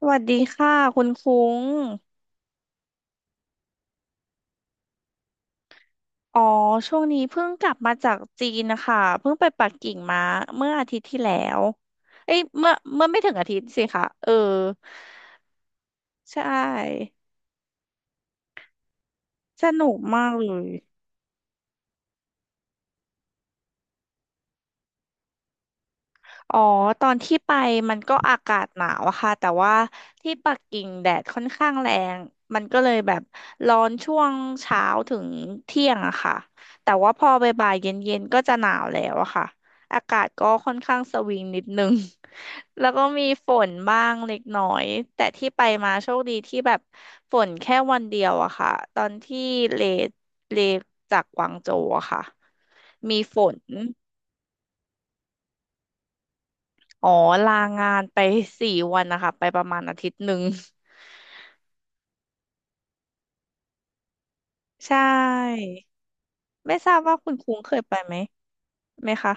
สวัสดีค่ะคุณคุ้ง อ๋อช่วงนี้เพิ่งกลับมาจากจีนนะคะเพิ่งไปปักกิ่งมาเมื่ออาทิตย์ที่แล้วเอ้ยเมื่อไม่ถึงอาทิตย์สิคะเออใช่สนุกมากเลย อ๋อตอนที่ไปมันก็อากาศหนาวอะค่ะแต่ว่าที่ปักกิ่งแดดค่อนข้างแรงมันก็เลยแบบร้อนช่วงเช้าถึงเที่ยงอะค่ะแต่ว่าพอบ่ายๆเย็นๆก็จะหนาวแล้วอะค่ะอากาศก็ค่อนข้างสวิงนิดนึง แล้วก็มีฝนบ้างเล็กน้อยแต่ที่ไปมาโชคดีที่แบบฝนแค่วันเดียวอะค่ะตอนที่เลเลจากกวางโจวอะค่ะมีฝน อ๋อลางานไป4 วันนะคะไปประมาณอาทิตย์หนึ่ง ใช่ไม่ทราบว่าคุณคุ้งเคยไปไหมคะ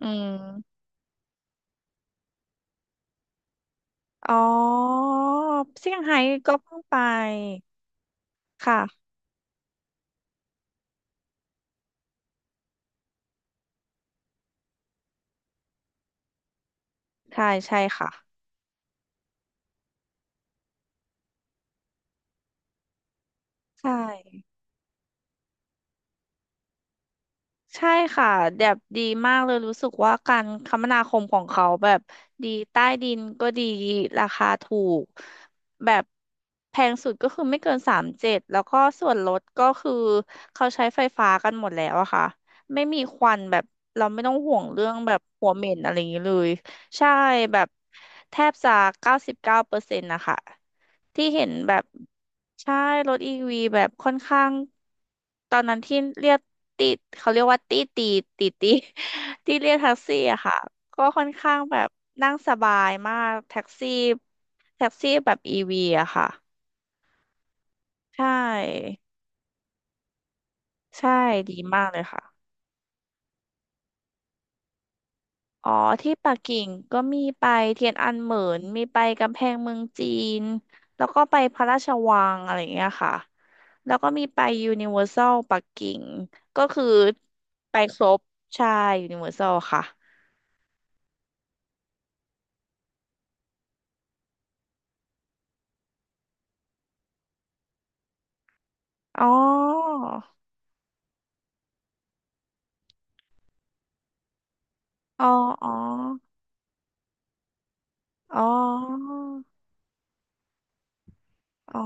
อืมอ๋อเซี่ยงไฮ้ก็เพิ่งไปค่ะใช่ใช่ค่ะใช่ ใช่ค่ะแบบดีมากเลยรู้สึกว่าการคมนาคมของเขาแบบดีใต้ดินก็ดีราคาถูกแบบแพงสุดก็คือไม่เกินสามเจ็ดแล้วก็ส่วนลดก็คือเขาใช้ไฟฟ้ากันหมดแล้วอะค่ะไม่มีควันแบบเราไม่ต้องห่วงเรื่องแบบหัวเหม็นอะไรอย่างนี้เลยใช่แบบแทบจะ99%นะคะที่เห็นแบบ ใช่รถอีวีแบบค่อนข้างตอนนั้นที่เรียกติดเขาเรียกว่าตีตีตีตี ที่เรียกแท็กซี่อะค่ะก็ค่อนข้างแบบนั่งสบายมากแท็กซี่แท็กซี่แบบอีวีอะค่ะใช่ใช่ดีมากเลยค่ะอ๋อที่ปักกิ่งก็มีไปเทียนอันเหมินมีไปกำแพงเมืองจีนแล้วก็ไปพระราชวังอะไรอย่างเงี้ยค่ะ แล้วก็มีไปยูนิเวอร์แซลปักกิ่งก็คือไปครบใช่ยูนิเวอร์แซลค่ะอ๋ออ๋ออ๋ออ๋ออ๋อ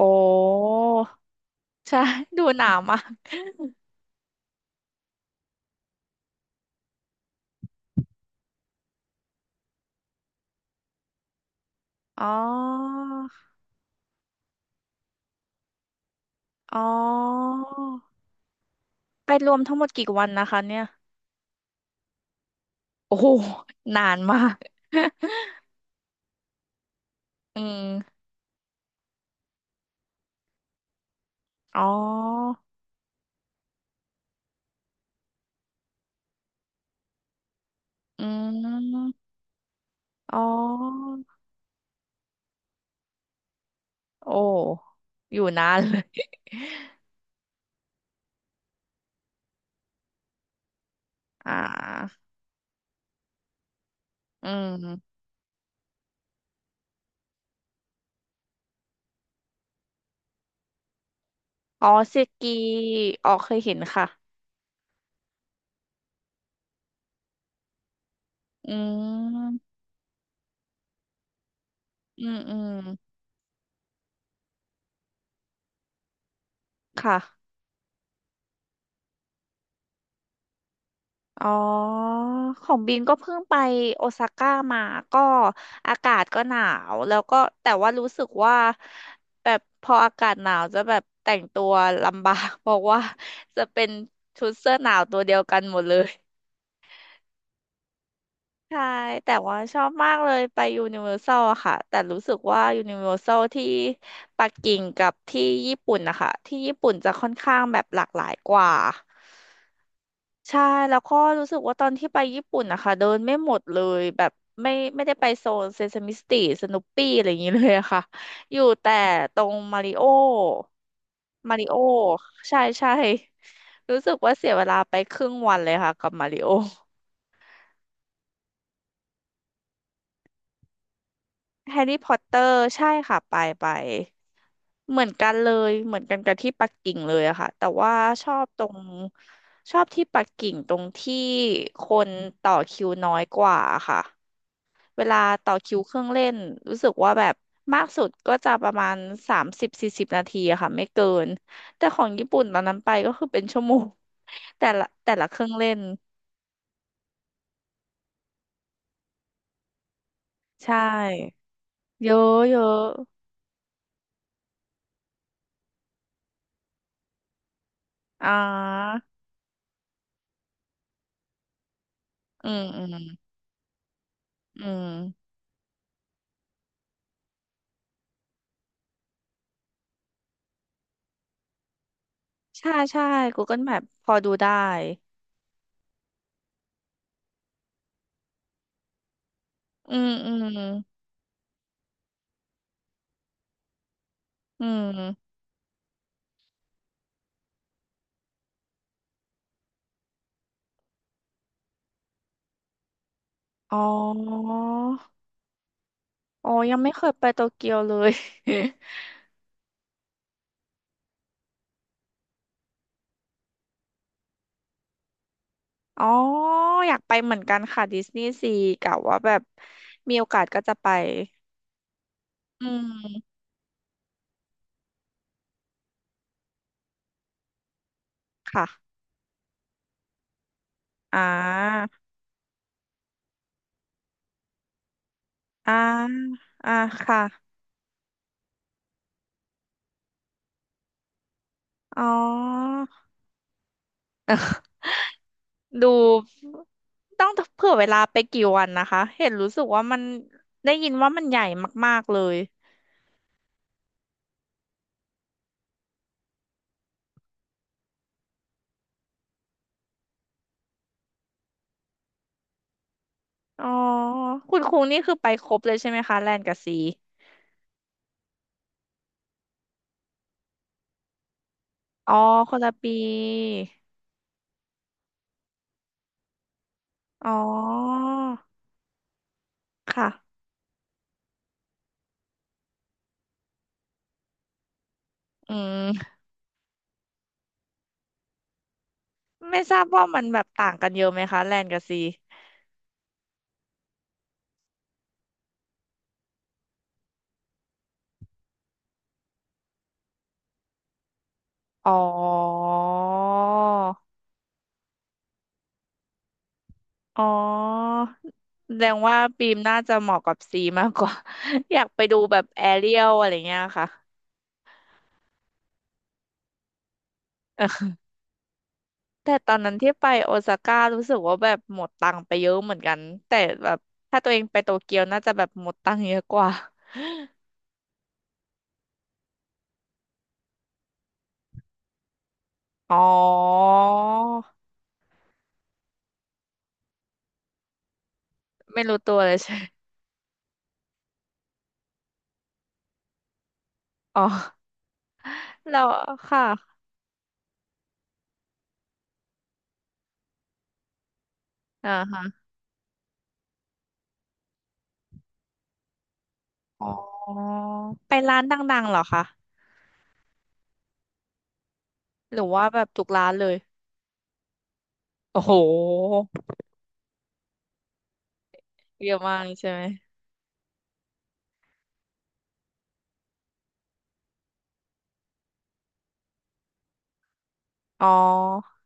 โอ้ใช่ ดูหนาวมากอ๋ออ๋อไปรวมทั้งหมดกี่วันนะคะเนี่ยโอ้โหนานมาก อืมอ๋ออืมอ๋อโอ้อยู่นานเลย อ่าอืม อ๋อเซกีอ๋อเคยเห็นค่ะอืมอืมอืมค่ะอ๋อของบินก็เพิ่งไปโอซาก้ามาก็อากาศก็หนาวแล้วก็แต่ว่ารู้สึกว่าแบบพออากาศหนาวจะแบบแต่งตัวลำบาก เพราะว่าจะเป็นชุดเสื้อหนาวตัวเดียวกันหมดเลย ใช่แต่ว่าชอบมากเลยไปยูนิเวอร์แซลอะค่ะแต่รู้สึกว่ายูนิเวอร์แซลที่ปักกิ่งกับที่ญี่ปุ่นนะคะที่ญี่ปุ่นจะค่อนข้างแบบหลากหลายกว่าใช่แล้วก็รู้สึกว่าตอนที่ไปญี่ปุ่นนะคะเดินไม่หมดเลยแบบไม่ได้ไปโซนเซซามิสตรีสนุปปี้อะไรอย่างนี้เลยอะค่ะอยู่แต่ตรงมาริโอมาริโอใช่ใช่รู้สึกว่าเสียเวลาไปครึ่งวันเลยค่ะกับมาริโอ แฮร์รี่พอตเตอร์ใช่ค่ะไปไปเหมือนกันเลยเหมือนกันกับที่ปักกิ่งเลยอะค่ะแต่ว่าชอบตรงชอบที่ปักกิ่งตรงที่คนต่อคิวน้อยกว่าค่ะเวลาต่อคิวเครื่องเล่นรู้สึกว่าแบบมากสุดก็จะประมาณ30-40 นาทีอะค่ะไม่เกินแต่ของญี่ปุ่นตอนนั้นไปก็คือเป็นชั่วโมง แต่ละแต่ละเครื่องเล่นใช่เยอะเยอะอ่าอืมอืมอืม ใช่ใช่ Google Map พอดูได้ อืมอืมอืมอ๋อ อ๋อยังไม่เคยไปโตเกียวเลย อ๋อ อยากไปเหมือนกันค่ะดิสนีย์ซีกะว่าแบบมีโอกาสก็จะไปอืมค่ะอ่าอ่าอ่าค่ะ อ๋อ ดูต้องเผื่อเวลาไปกี่วันนะคะ เห็นรู้สึกว่ามันได้ยินว่ามันใหญ่มากๆเลย อ๋อคุณครูนี่คือไปครบเลยใช่ไหมคะแลนกับซีอ๋อคนละปีอ๋อค่ะอืมไม่ทราบว่ามันแบบต่างกันเยอะไหมคะแลนกับซีอ๋ออ๋อแสดงว่าบีมน่าจะเหมาะกับซีมากกว่า อยากไปดูแบบแอเรียลอะไรเงี้ยค่ะ แต่ตอนนั้นที่ไปโอซาก้ารู้สึกว่าแบบหมดตังค์ไปเยอะเหมือนกันแต่แบบถ้าตัวเองไปโตเกียวน่าจะแบบหมดตังค์เยอะกว่า อ๋อไม่รู้ตัวเลยใช่ อ๋อแล้วค่ะอ่าฮะอ๋อไปร้านดังๆเหรอคะหรือว่าแบบทุกร้านเลยโอ้โหเยอะมากเลยใช่ไหมอ๋อ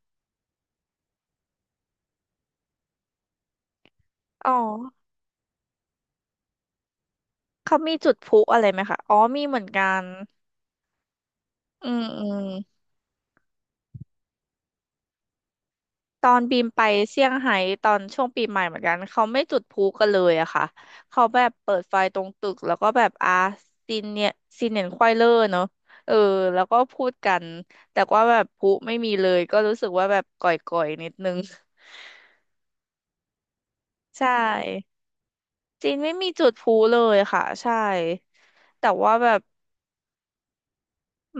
อ๋อเขามีจุดพลุอะไรไหมคะอ๋อมีเหมือนกันอืมอืม ตอนบีมไปเซี่ยงไฮ้ตอนช่วงปีใหม่เหมือนกันเขาไม่จุดพลุกันเลยอะค่ะเขาแบบเปิดไฟตรงตึกแล้วก็แบบอาซีเนียซีเนียนควายเลอร์เนอะเออแล้วก็พูดกันแต่ว่าแบบพลุไม่มีเลยก็รู้สึกว่าแบบก่อยๆนิดนึง ใช่จีนไม่มีจุดพลุเลยค่ะใช่แต่ว่าแบบ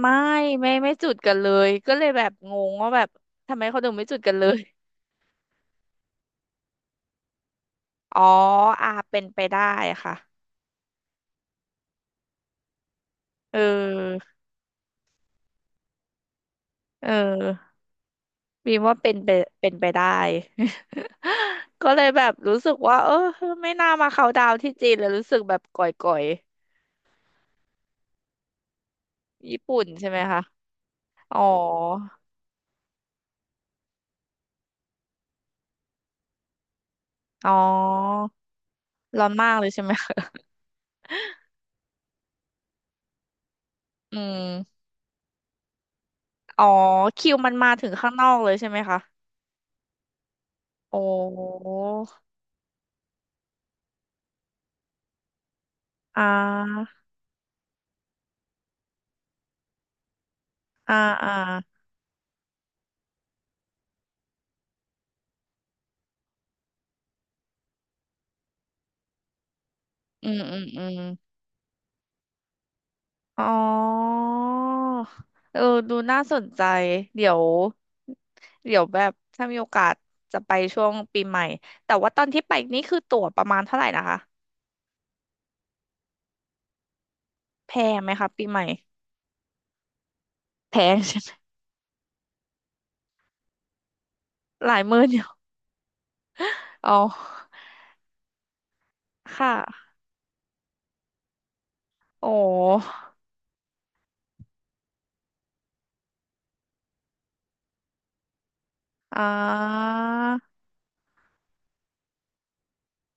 ไม่ไม่ไม่จุดกันเลยก็เลยแบบงงว่าแบบทำไมเขาถึงไม่จุดกันเลยอ๋ออาเป็นไปได้ค่ะเออเออ บีมว่าเป็นไปเป็นไปได้ ก็เลยแบบรู้สึกว่าเออไม่น่ามาเขาน์ดาวน์ที่จีนเลยรู้สึกแบบก่อยๆญี่ปุ่นใช่ไหมคะอ๋ออ๋อร้อนมากเลยใช่ไหมคะ อืมอ๋อคิวมันมาถึงข้างนอกเลยใช่ไหมคะโอ้อ่าอ่าอ่าอืมอืมอืม อ๋อเออ ดูน่าสนใจ เดี๋ยว เดี๋ยวแบบถ้ามีโอกาสจะไปช่วงปีใหม่แต่ว่าตอนที่ไปนี่คือตั๋วประมาณเท่าไหร่นะคะแพงไหมคะปีใหม่แพงใช่ไหมหลายหมื่นอยู่อ๋อค่ะโอ้อ่า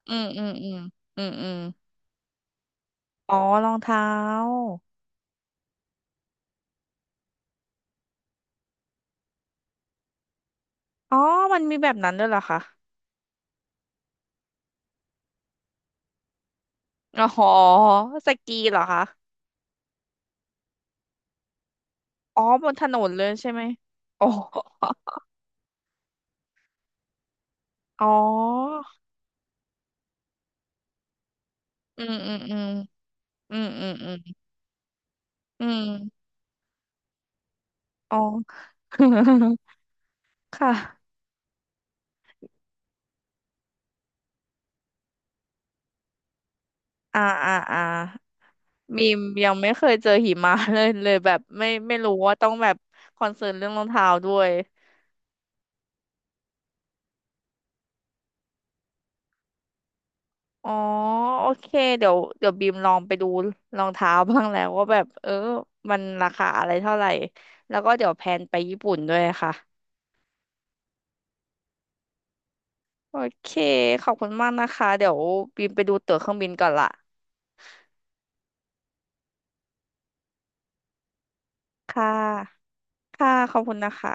อืมอืมอืมอืมอืมอ๋อรองเท้าอ๋อมันมีแบบนั้นด้วยเหรอคะอ๋อสกีเหรอคะอ๋อบนถนนเลยใช่ไหมโอ้ อ๋ออืมอืมอืมอืมอืมอืมอืมอ๋อ ค่ะอ่าอ่าอ่ามีมยังไม่เคยเจอหิมะ เลยเลยแบบไม่ไม่รู้ว่าต้องแบบคอนเซิร์นเรื่องรองเท้าด้วยอ๋อโอเคเดี๋ยวเดี๋ยวบีมลองไปดูรองเท้าบ้างแล้วว่าแบบเออมันราคาอะไรเท่าไหร่แล้วก็เดี๋ยวแพลนไปญี่ปุ่นด้วยค่ะโอเคขอบคุณมากนะคะเดี๋ยวบีมไปดูตั๋วเครื่องบินก่อนละค่ะค่ะขอบคุณนะคะ